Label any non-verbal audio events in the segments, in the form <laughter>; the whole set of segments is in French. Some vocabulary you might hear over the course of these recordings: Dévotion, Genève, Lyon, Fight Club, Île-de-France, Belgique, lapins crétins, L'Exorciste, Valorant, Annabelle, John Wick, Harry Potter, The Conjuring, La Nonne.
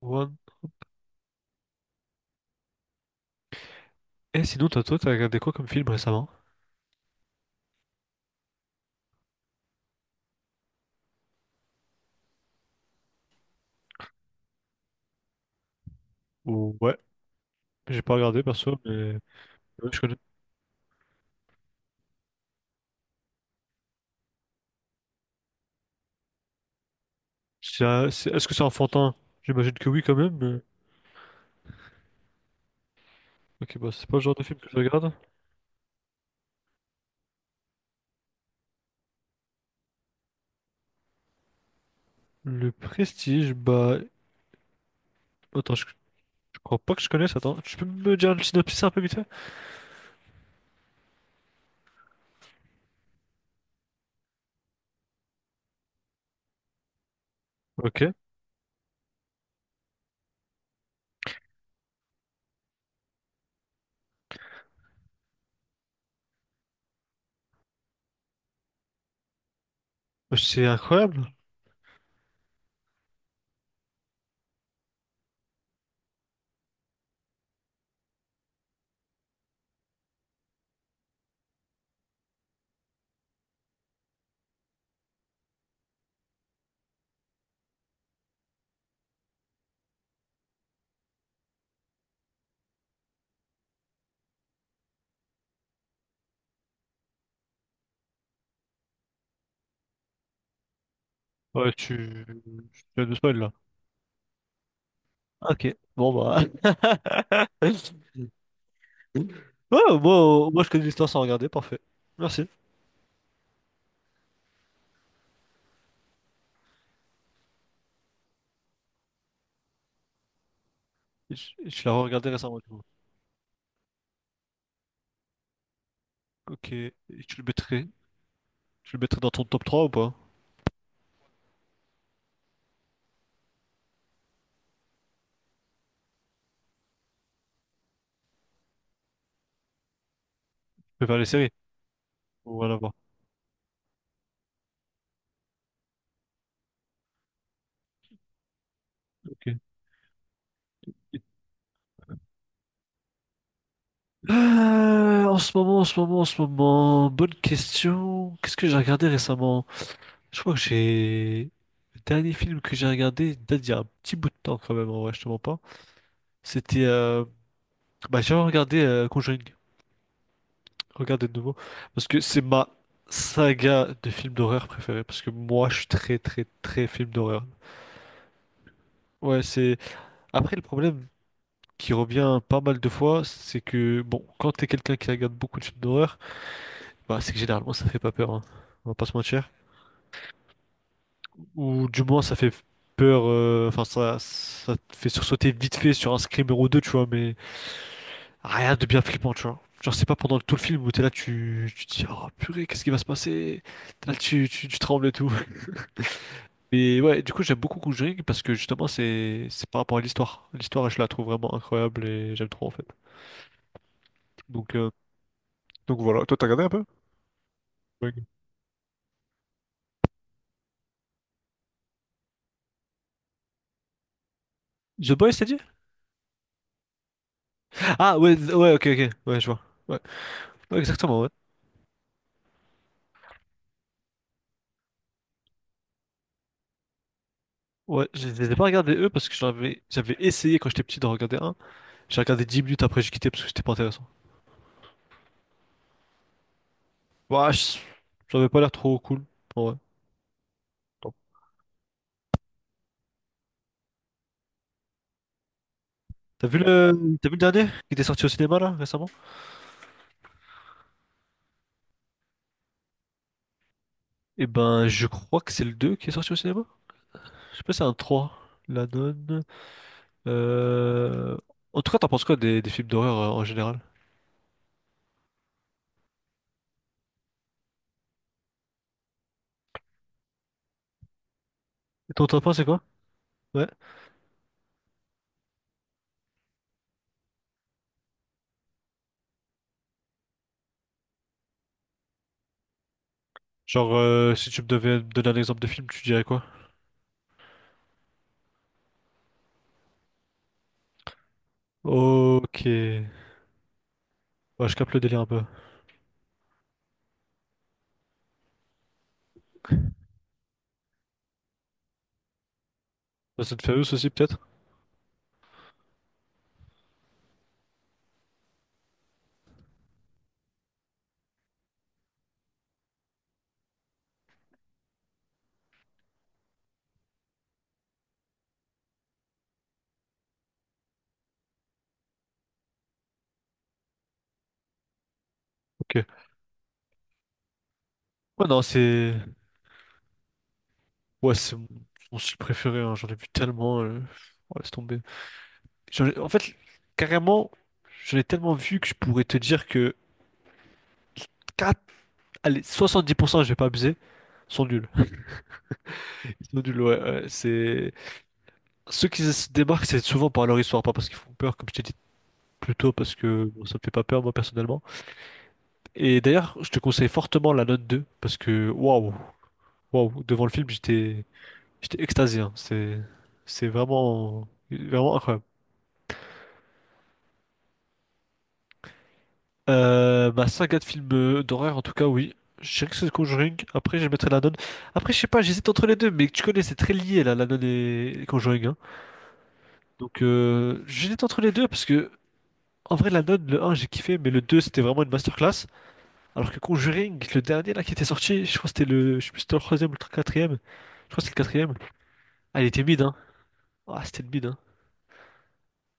One. Et sinon, toi, t'as regardé quoi comme film récemment? Ou ouais, j'ai pas regardé perso, mais ouais, je connais. Est-ce que c'est enfantin? J'imagine que oui quand même, mais... Ok, bah c'est pas le genre de film que je regarde. Le Prestige, bah... Attends, je crois pas que je connaisse, attends. Tu peux me dire le synopsis un peu vite fait? Ok. C'est incroyable. Ouais, tu... Tu viens de spoil, là. Ok, bon bah... <laughs> Ouais, moi, je connais l'histoire sans regarder, parfait. Merci. Je l'ai regardé récemment. Ok. Et tu le mettrais? Tu le mettrais dans ton top 3 ou pas? Je préfère les séries. On va la voir. Ok. En ce moment, en ce moment, en ce moment, bonne question. Qu'est-ce que j'ai regardé récemment? Je crois que j'ai... Le dernier film que j'ai regardé date d'il y a un petit bout de temps quand même, en vrai, je te mens pas. C'était... bah, j'ai regardé Conjuring. Regardez de nouveau. Parce que c'est ma saga de films d'horreur préférée. Parce que moi, je suis très, très, très film d'horreur. Ouais, c'est... Après, le problème... qui revient pas mal de fois, c'est que, bon, quand t'es quelqu'un qui regarde beaucoup de films d'horreur, bah, c'est que généralement ça fait pas peur, hein. On va pas se mentir. Ou du moins ça fait peur, enfin ça te fait sursauter vite fait sur un screamer ou deux, tu vois, mais rien de bien flippant, tu vois. Genre c'est pas pendant tout le film où t'es là, tu te dis, oh purée, qu'est-ce qui va se passer? T'es là, tu trembles et tout. Et ouais, du coup j'aime beaucoup Conjuring parce que justement c'est par rapport à l'histoire. L'histoire, je la trouve vraiment incroyable et j'aime trop en fait. Donc, euh, donc voilà. un peu. Ouais. The Boys, t'as dit? Ah ouais, ouais, ok, ok, ouais, je vois. Ouais, ouais, exactement, ouais. Ouais, je les ai pas regardés eux parce que j'avais essayé quand j'étais petit d'en regarder un. J'ai regardé 10 minutes après, j'ai quitté parce que c'était pas intéressant. Bah, je- J'avais pas l'air trop cool. En vrai. Bon. T'as vu le... T'as vu le dernier qui était sorti au cinéma là récemment? Eh ben, je crois que c'est le 2 qui est sorti au cinéma. Je sais pas si c'est un trois. La nonne. Euh... En tout cas, t'en penses quoi des films d'horreur en général? Et ton top un c'est quoi? Ouais. Genre, si tu me devais me donner un exemple de film, tu dirais quoi? Ok. Ouais, je capte le délire un peu. Fast and Furious aussi, peut-être? Ok. Ouais, non, c'est. Ouais, c'est mon mon style préféré, hein. J'en ai vu tellement. Ouais, laisse tomber. En fait, carrément, j'en ai tellement vu que je pourrais te dire que quatre. Allez, 70%, je vais pas abuser, sont nuls. <laughs> Sont nuls, ouais. Ouais, c'est... Ceux qui se démarquent, c'est souvent par leur histoire, pas parce qu'ils font peur, comme je t'ai dit plus tôt, parce que bon, ça me fait pas peur, moi, personnellement. Et d'ailleurs, je te conseille fortement la note 2 parce que, waouh, waouh, devant le film, j'étais j'étais extasié, hein. C'est vraiment, vraiment incroyable. Ma saga de films d'horreur, en tout cas, oui. Je dirais que c'est The Conjuring. Après, je mettrais La Nonne. Après, je sais pas, j'hésite entre les deux, mais tu connais, c'est très lié, là, La Nonne et Conjuring, hein. Donc, j'hésite entre les deux, parce que, en vrai, La Nonne, le un j'ai kiffé, mais le 2 c'était vraiment une masterclass. Alors que Conjuring, le dernier, là, qui était sorti, je crois que c'était le, je sais plus, si c'était le troisième ou le quatrième. Je crois que c'était le quatrième. Ah, il était mid, hein. Ah, c'était le mid, hein.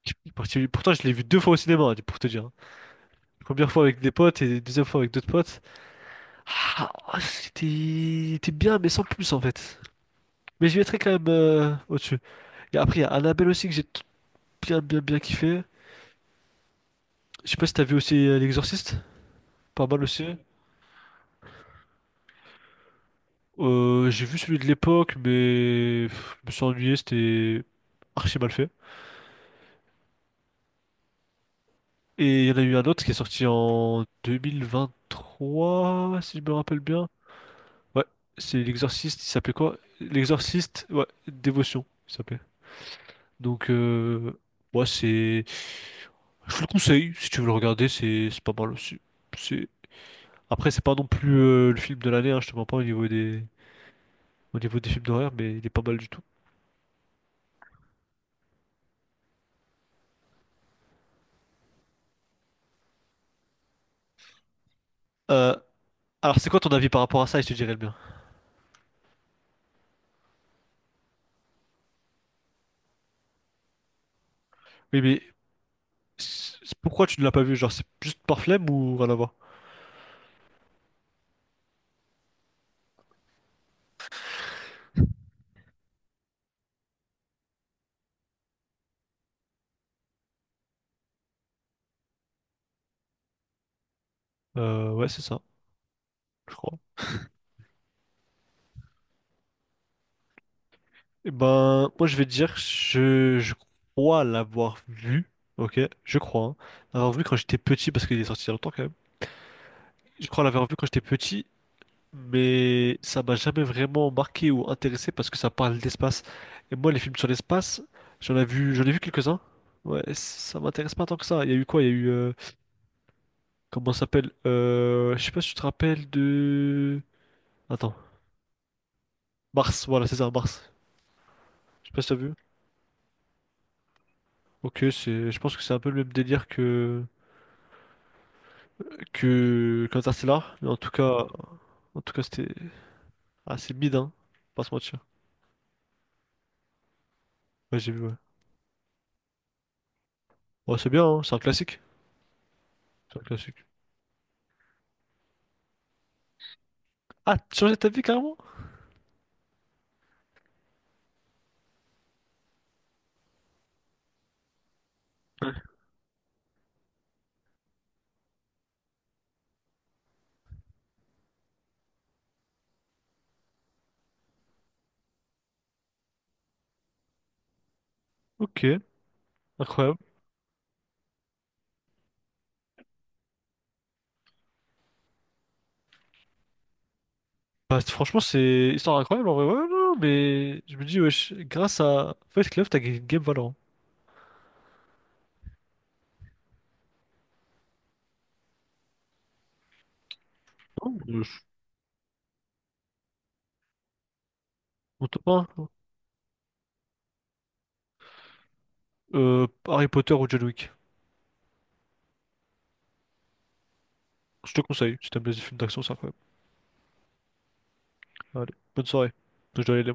Je- pour- Pourtant, je l'ai vu deux fois au cinéma, hein, pour te dire, hein. Première fois avec des potes et deuxième fois avec d'autres potes. Ah, c'était bien, mais sans plus en fait. Mais je mettrais quand même au-dessus. Et après, il y a Annabelle aussi que bien, bien, bien kiffé. Je sais pas si t'as vu aussi L'Exorciste, pas mal aussi. J'ai vu celui de l'époque, mais pff, je me suis ennuyé, c'était archi mal fait. Et il y en a eu un autre qui est sorti en 2023, si je me rappelle bien. Ouais, c'est L'Exorciste, il s'appelait quoi? L'Exorciste, ouais, Dévotion, il s'appelait. Donc, ouais, c'est. Je te le conseille, si tu veux le regarder, c'est pas mal aussi. C'est... Après, c'est pas non plus le film de l'année, hein, je te mens pas au niveau des... au niveau des films d'horreur, mais il est pas mal du tout. Euh, alors, c'est quoi ton avis par rapport à ça? Et je te dirais le mien. Oui, mais pourquoi tu ne l'as pas vu? Genre, c'est juste par flemme ou rien à voir? Ouais, c'est ça, je crois. Et ben, moi, je vais te dire, je crois l'avoir vu, ok? Je crois, hein, l'avoir vu quand j'étais petit, parce qu'il est sorti il y a longtemps quand même. Je crois l'avoir vu quand j'étais petit mais ça m'a jamais vraiment marqué ou intéressé parce que ça parle d'espace. Et moi, les films sur l'espace, j'en ai vu quelques-uns. Ouais, ça m'intéresse pas tant que ça. Il y a eu quoi? Il y a eu comment ça s'appelle? Je sais pas si tu te rappelles de. Attends, Mars. Voilà, c'est ça, Mars. Je sais pas si t'as vu. Ok, c'est, je pense que c'est un peu le même délire que qu'Interstellar, mais en tout cas, c'était assez bide, hein. Pas se mentir. Ouais, j'ai vu. Ouais, ouais c'est bien, hein, c'est un classique. C'est un classique. Ah, tu as changé ta vie carrément? Ok. Incroyable. Bah, franchement, c'est histoire incroyable en vrai. Ouais, non, mais je me dis, wesh, grâce à Fight Club, t'as gagné une game Valorant. Non, je- Mon top 1, Harry Potter ou John Wick. Je te conseille, si t'aimes les films d'action, c'est incroyable. Allez, bonne soirée. Je dois aller